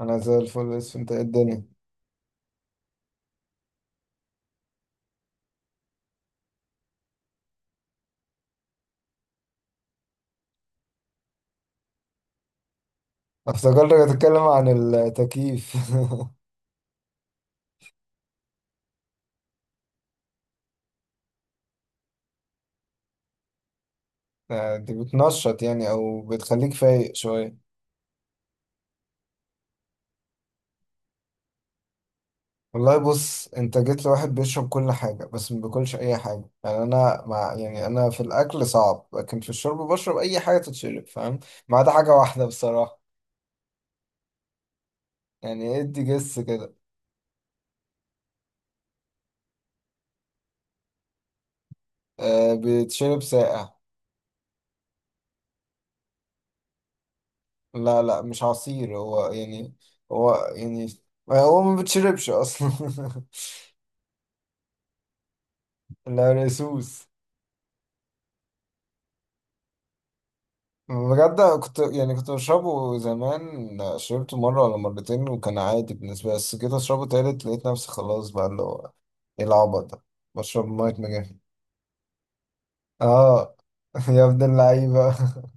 انا زي الفل، بس انت إيه الدنيا؟ افتكرتك هتتكلم عن التكييف دي بتنشط يعني او بتخليك فايق شويه؟ والله بص، انت جيت لواحد بيشرب كل حاجه بس ما بياكلش اي حاجه. يعني انا مع، يعني انا في الاكل صعب لكن في الشرب بشرب اي حاجه تتشرب، فاهم؟ ما عدا حاجه واحده بصراحه. يعني ادي جس كده. أه، بيتشرب ساقع. لا لا، مش عصير هو يعني. هو يعني هو ما بيتشربش اصلا. العرقسوس. بجد أنا كنت يعني كنت بشربه زمان، شربته مرة ولا مرتين وكان عادي بالنسبة لي، بس جيت أشربه تالت لقيت نفسي خلاص بقى اللي هو إيه العبط ده. بشرب مية مجاهي. آه. يا ابن اللعيبة.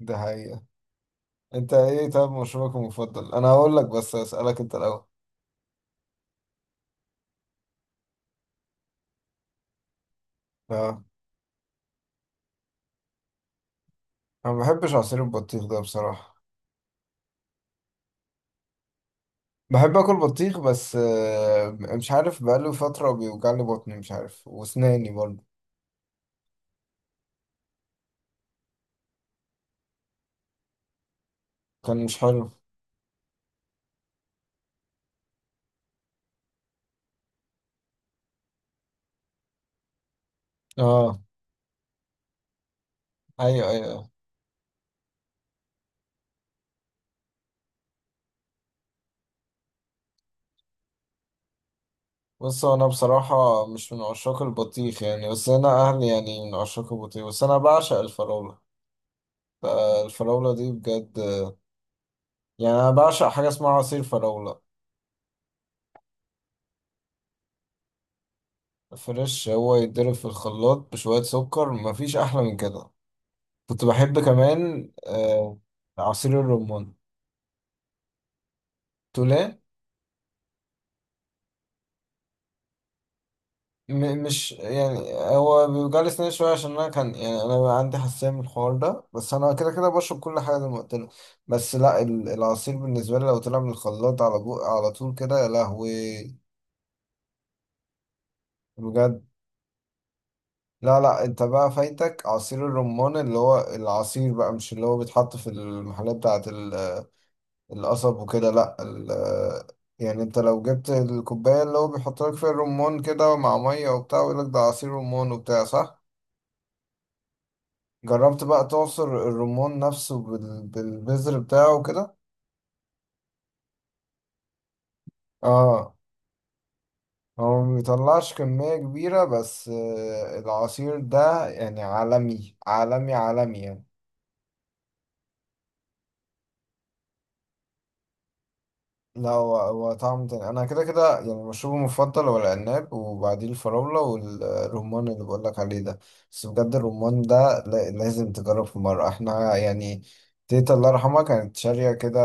ده حقيقة. أنت إيه طب مشروبك المفضل؟ أنا هقول لك بس أسألك أنت الأول. آه. أنا ما بحبش عصير البطيخ ده بصراحة. بحب آكل بطيخ بس آه مش عارف، بقاله فترة بيوجعلي بطني مش عارف، وأسناني برضه. كان مش حلو. آه. أيوه أيوه. بص، هو انا بصراحة مش من عشاق البطيخ يعني، بس انا اهلي يعني من عشاق البطيخ، بس انا بعشق الفراولة. الفراولة دي بجد. يعني انا بعشق حاجة اسمها عصير فراولة. فريش، هو يتضرب في الخلاط بشوية سكر، مفيش احلى من كده. كنت بحب كمان عصير الرمان. تقول إيه؟ مش يعني هو بيوجعلي سناني شوية، عشان أنا كان يعني أنا عندي حساسية من الحوار ده، بس أنا كده كده بشرب كل حاجة زي ما قلت لك. بس لا، العصير بالنسبة لي لو طلع من الخلاط على بو على طول كده، يا لهوي. بجد. لا لا، أنت بقى فايتك عصير الرمان، اللي هو العصير بقى، مش اللي هو بيتحط في المحلات بتاعة القصب وكده، لا يعني انت لو جبت الكوباية اللي هو بيحط لك فيها الرمان كده مع مية وبتاع ويقول لك ده عصير رمان وبتاع، صح؟ جربت بقى تعصر الرمان نفسه بالبذر بتاعه كده. اه. هو ما بيطلعش كمية كبيرة، بس آه، العصير ده يعني عالمي عالمي عالمي يعني. لا، هو هو طعم تاني. انا كده كده يعني مشروبي المفضل هو العناب، وبعديه الفراولة والرمان اللي بقولك عليه ده. بس بجد الرمان ده لازم تجرب في مرة. احنا يعني تيتا الله يرحمها كانت شارية كده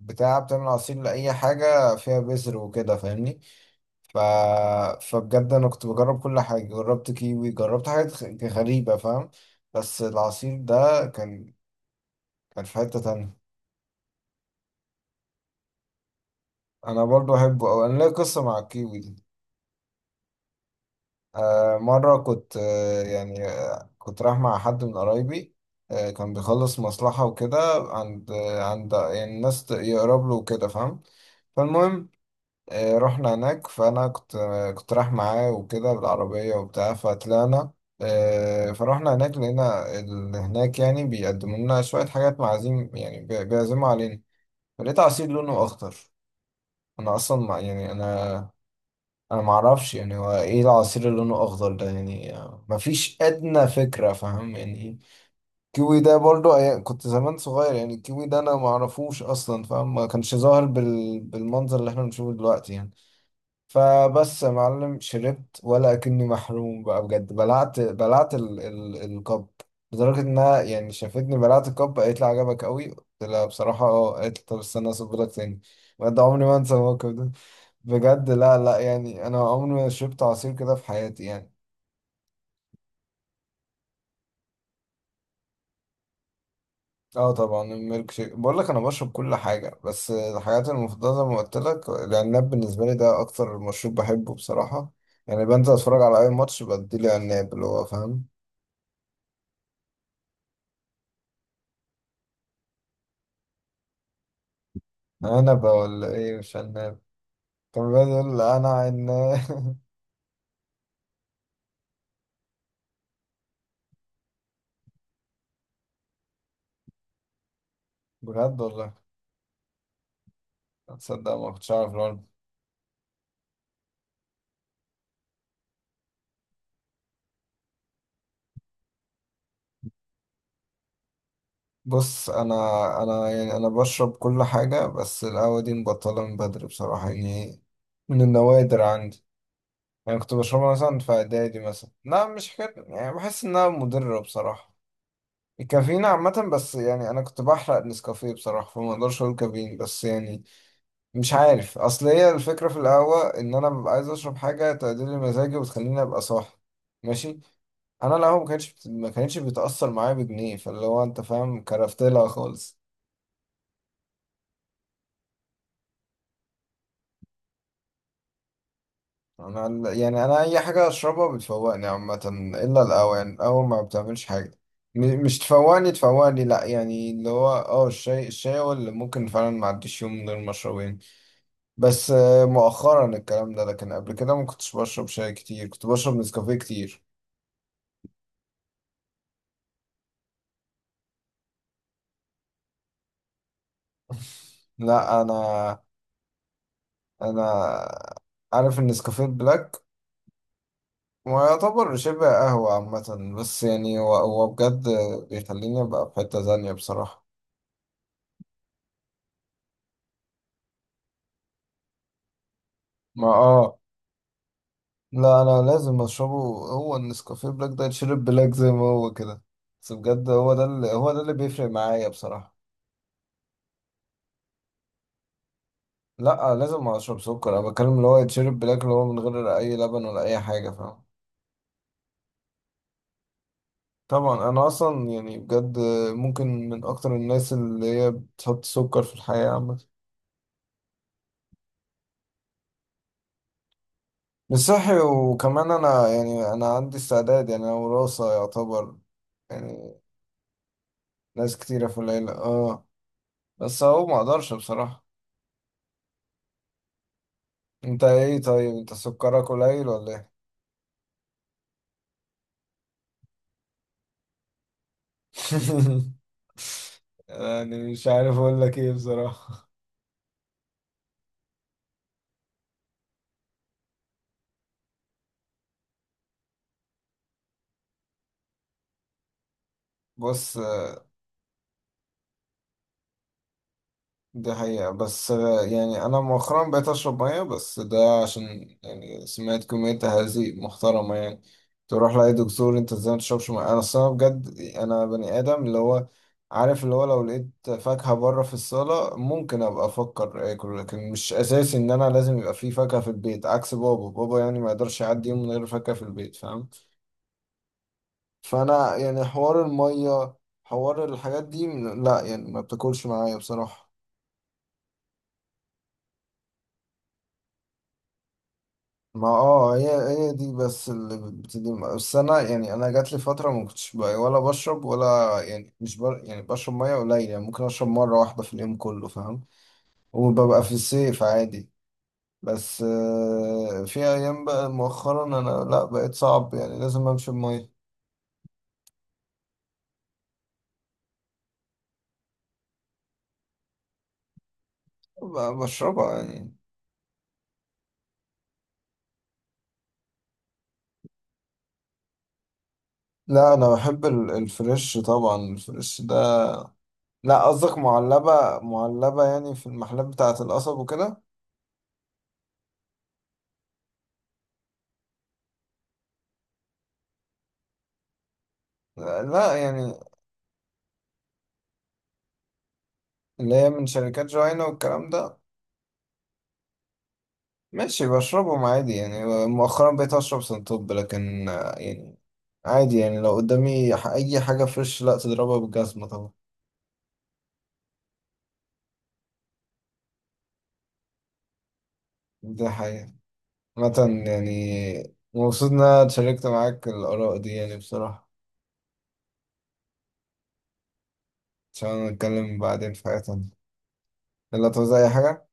بتاع، بتعمل عصير لأي حاجة فيها بذر وكده، فاهمني؟ ف... فبجد انا كنت بجرب كل حاجه، جربت كيوي، جربت حاجات غريبه، فاهم؟ بس العصير ده كان كان في حته تانية. انا برضو احبه، او انا ليا قصه مع الكيوي دي. آه، مره كنت كنت رايح مع حد من قرايبي، آه كان بيخلص مصلحه وكده عند عند يعني الناس يقرب له وكده، فاهم؟ فالمهم آه، رحنا هناك. فانا كنت كنت رايح معاه وكده بالعربيه وبتاع، فطلعنا آه، فروحنا هناك، لقينا اللي هناك يعني بيقدموا لنا شويه حاجات، معازيم يعني، بيعزموا علينا. فلقيت عصير لونه اخضر. انا اصلا ما يعني انا انا ما اعرفش يعني هو ايه العصير اللي لونه اخضر ده يعني، آه، ما فيش ادنى فكره، فاهم يعني إيه؟ الكيوي ده برضو كنت زمان صغير، يعني الكيوي ده انا ما اعرفوش اصلا، فاهم؟ ما كانش ظاهر بالمنظر اللي احنا بنشوفه دلوقتي يعني. فبس يا معلم شربت، ولا اكني محروم بقى بجد، بلعت بلعت ال ال الكب. لدرجة انها يعني شافتني بلعت الكب قالت لي عجبك قوي، قلت لها بصراحة اه، قالت لي طب استنى اصب لك تاني. بجد عمري ما انسى الموقف ده. بجد لا لا، يعني انا عمري ما شربت عصير كده في حياتي يعني. اه طبعا الميلك شيك، بقول لك انا بشرب كل حاجة، بس الحاجات المفضلة زي ما قلت لك العناب، بالنسبة لي ده اكتر مشروب بحبه بصراحة. يعني بنزل اتفرج على اي ماتش بديلي عناب اللي هو فاهم. انا ولا ايه؟ مش عناب. طب بقى يقول لي انا عناب. بجد والله؟ تصدق ما كنتش اعرف الأول. بص، انا انا يعني انا بشرب كل حاجه، بس القهوه دي مبطله من بدري بصراحه يعني. من النوادر عندي. يعني كنت بشربها مثلا في اعدادي مثلا، لا مش حكايه، يعني بحس انها مضره بصراحه، الكافيين عامه. بس يعني انا كنت بحرق نسكافيه بصراحه، فما اقدرش اقول كافيين، بس يعني مش عارف. اصل هي الفكره في القهوه ان انا ببقى عايز اشرب حاجه تعدل لي مزاجي وتخليني ابقى صاحي، ماشي؟ انا القهوه ما كانتش بتاثر معايا بجنيه، فاللي هو انت فاهم كرفت لها خالص. انا يعني انا اي حاجه اشربها بتفوقني عامه، الا القهوه، يعني القهوه ما بتعملش حاجه. مش تفوقني تفوقني لا، يعني اللي هو اه الشاي، الشاي هو اللي ممكن فعلا ما عديش يوم من غير ما اشربه يعني. بس آه، مؤخرا الكلام ده، لكن قبل كده ما كنتش بشرب شاي كتير، كنت بشرب نسكافيه كتير. لا انا انا عارف ان نسكافيه بلاك ويعتبر شبه قهوة عامة، بس يعني هو هو بجد بيخليني ابقى في حتة تانية بصراحة. ما اه، لا انا لازم اشربه. هو النسكافيه بلاك ده يتشرب بلاك زي ما هو كده، بس بجد هو ده اللي هو ده اللي بيفرق معايا بصراحة. لا لازم اشرب سكر، انا بتكلم اللي هو يتشرب بلاك، اللي هو من غير اي لبن ولا اي حاجة، فاهم؟ طبعا انا اصلا يعني بجد ممكن من اكتر الناس اللي هي بتحط سكر في الحياة عامة. مش صحي، وكمان انا يعني انا عندي استعداد، يعني انا وراثة يعتبر، يعني ناس كتيرة في العيلة اه. بس اهو ما اقدرش بصراحة. انت ايه طيب، انت سكرك قليل ولا ايه؟ يعني مش عارف اقول لك ايه بصراحة. بص، ده حقيقة، بس آه، يعني أنا مؤخرا بقيت أشرب مية، بس ده عشان يعني سمعت كمية تهذيب محترمة يعني، تروح لأي دكتور أنت إزاي متشربش مية. أنا الصراحة بجد أنا بني آدم اللي هو عارف اللي هو لو لقيت فاكهة بره في الصالة ممكن أبقى أفكر آكل، لكن مش أساسي إن أنا لازم يبقى في فاكهة في البيت، عكس بابا، بابا يعني ما يقدرش يعدي يوم من غير فاكهة في البيت، فاهم؟ فأنا يعني حوار المية، حوار الحاجات دي، لا يعني ما بتاكلش معايا بصراحة. ما اه، هي هي دي بس اللي بتدي. بس انا يعني انا جات لي فتره ما كنتش ولا بشرب، ولا يعني مش بر... يعني بشرب ميه قليل يعني، ممكن اشرب مره واحده في اليوم كله، فاهم؟ وببقى في الصيف عادي. بس آه، في ايام بقى مؤخرا انا لا، بقيت صعب يعني لازم امشي بميه. بشربها يعني. لا انا بحب الفريش، طبعا الفريش ده. لا قصدك معلبه؟ معلبه يعني في المحلات بتاعه القصب وكده؟ لا يعني اللي هي من شركات جوينا والكلام ده. ماشي، بشربهم عادي يعني. مؤخرا بقيت أشرب سنتوب، لكن آه، يعني عادي يعني. لو قدامي أي حاجة فريش لا تضربها بالجزمة طبعا. دي حقيقة. مثلا يعني مبسوط إن أنا اتشاركت معاك الآراء دي يعني بصراحة. عشان نتكلم بعدين في حاجة تانية، يلا، تعوز أي حاجة؟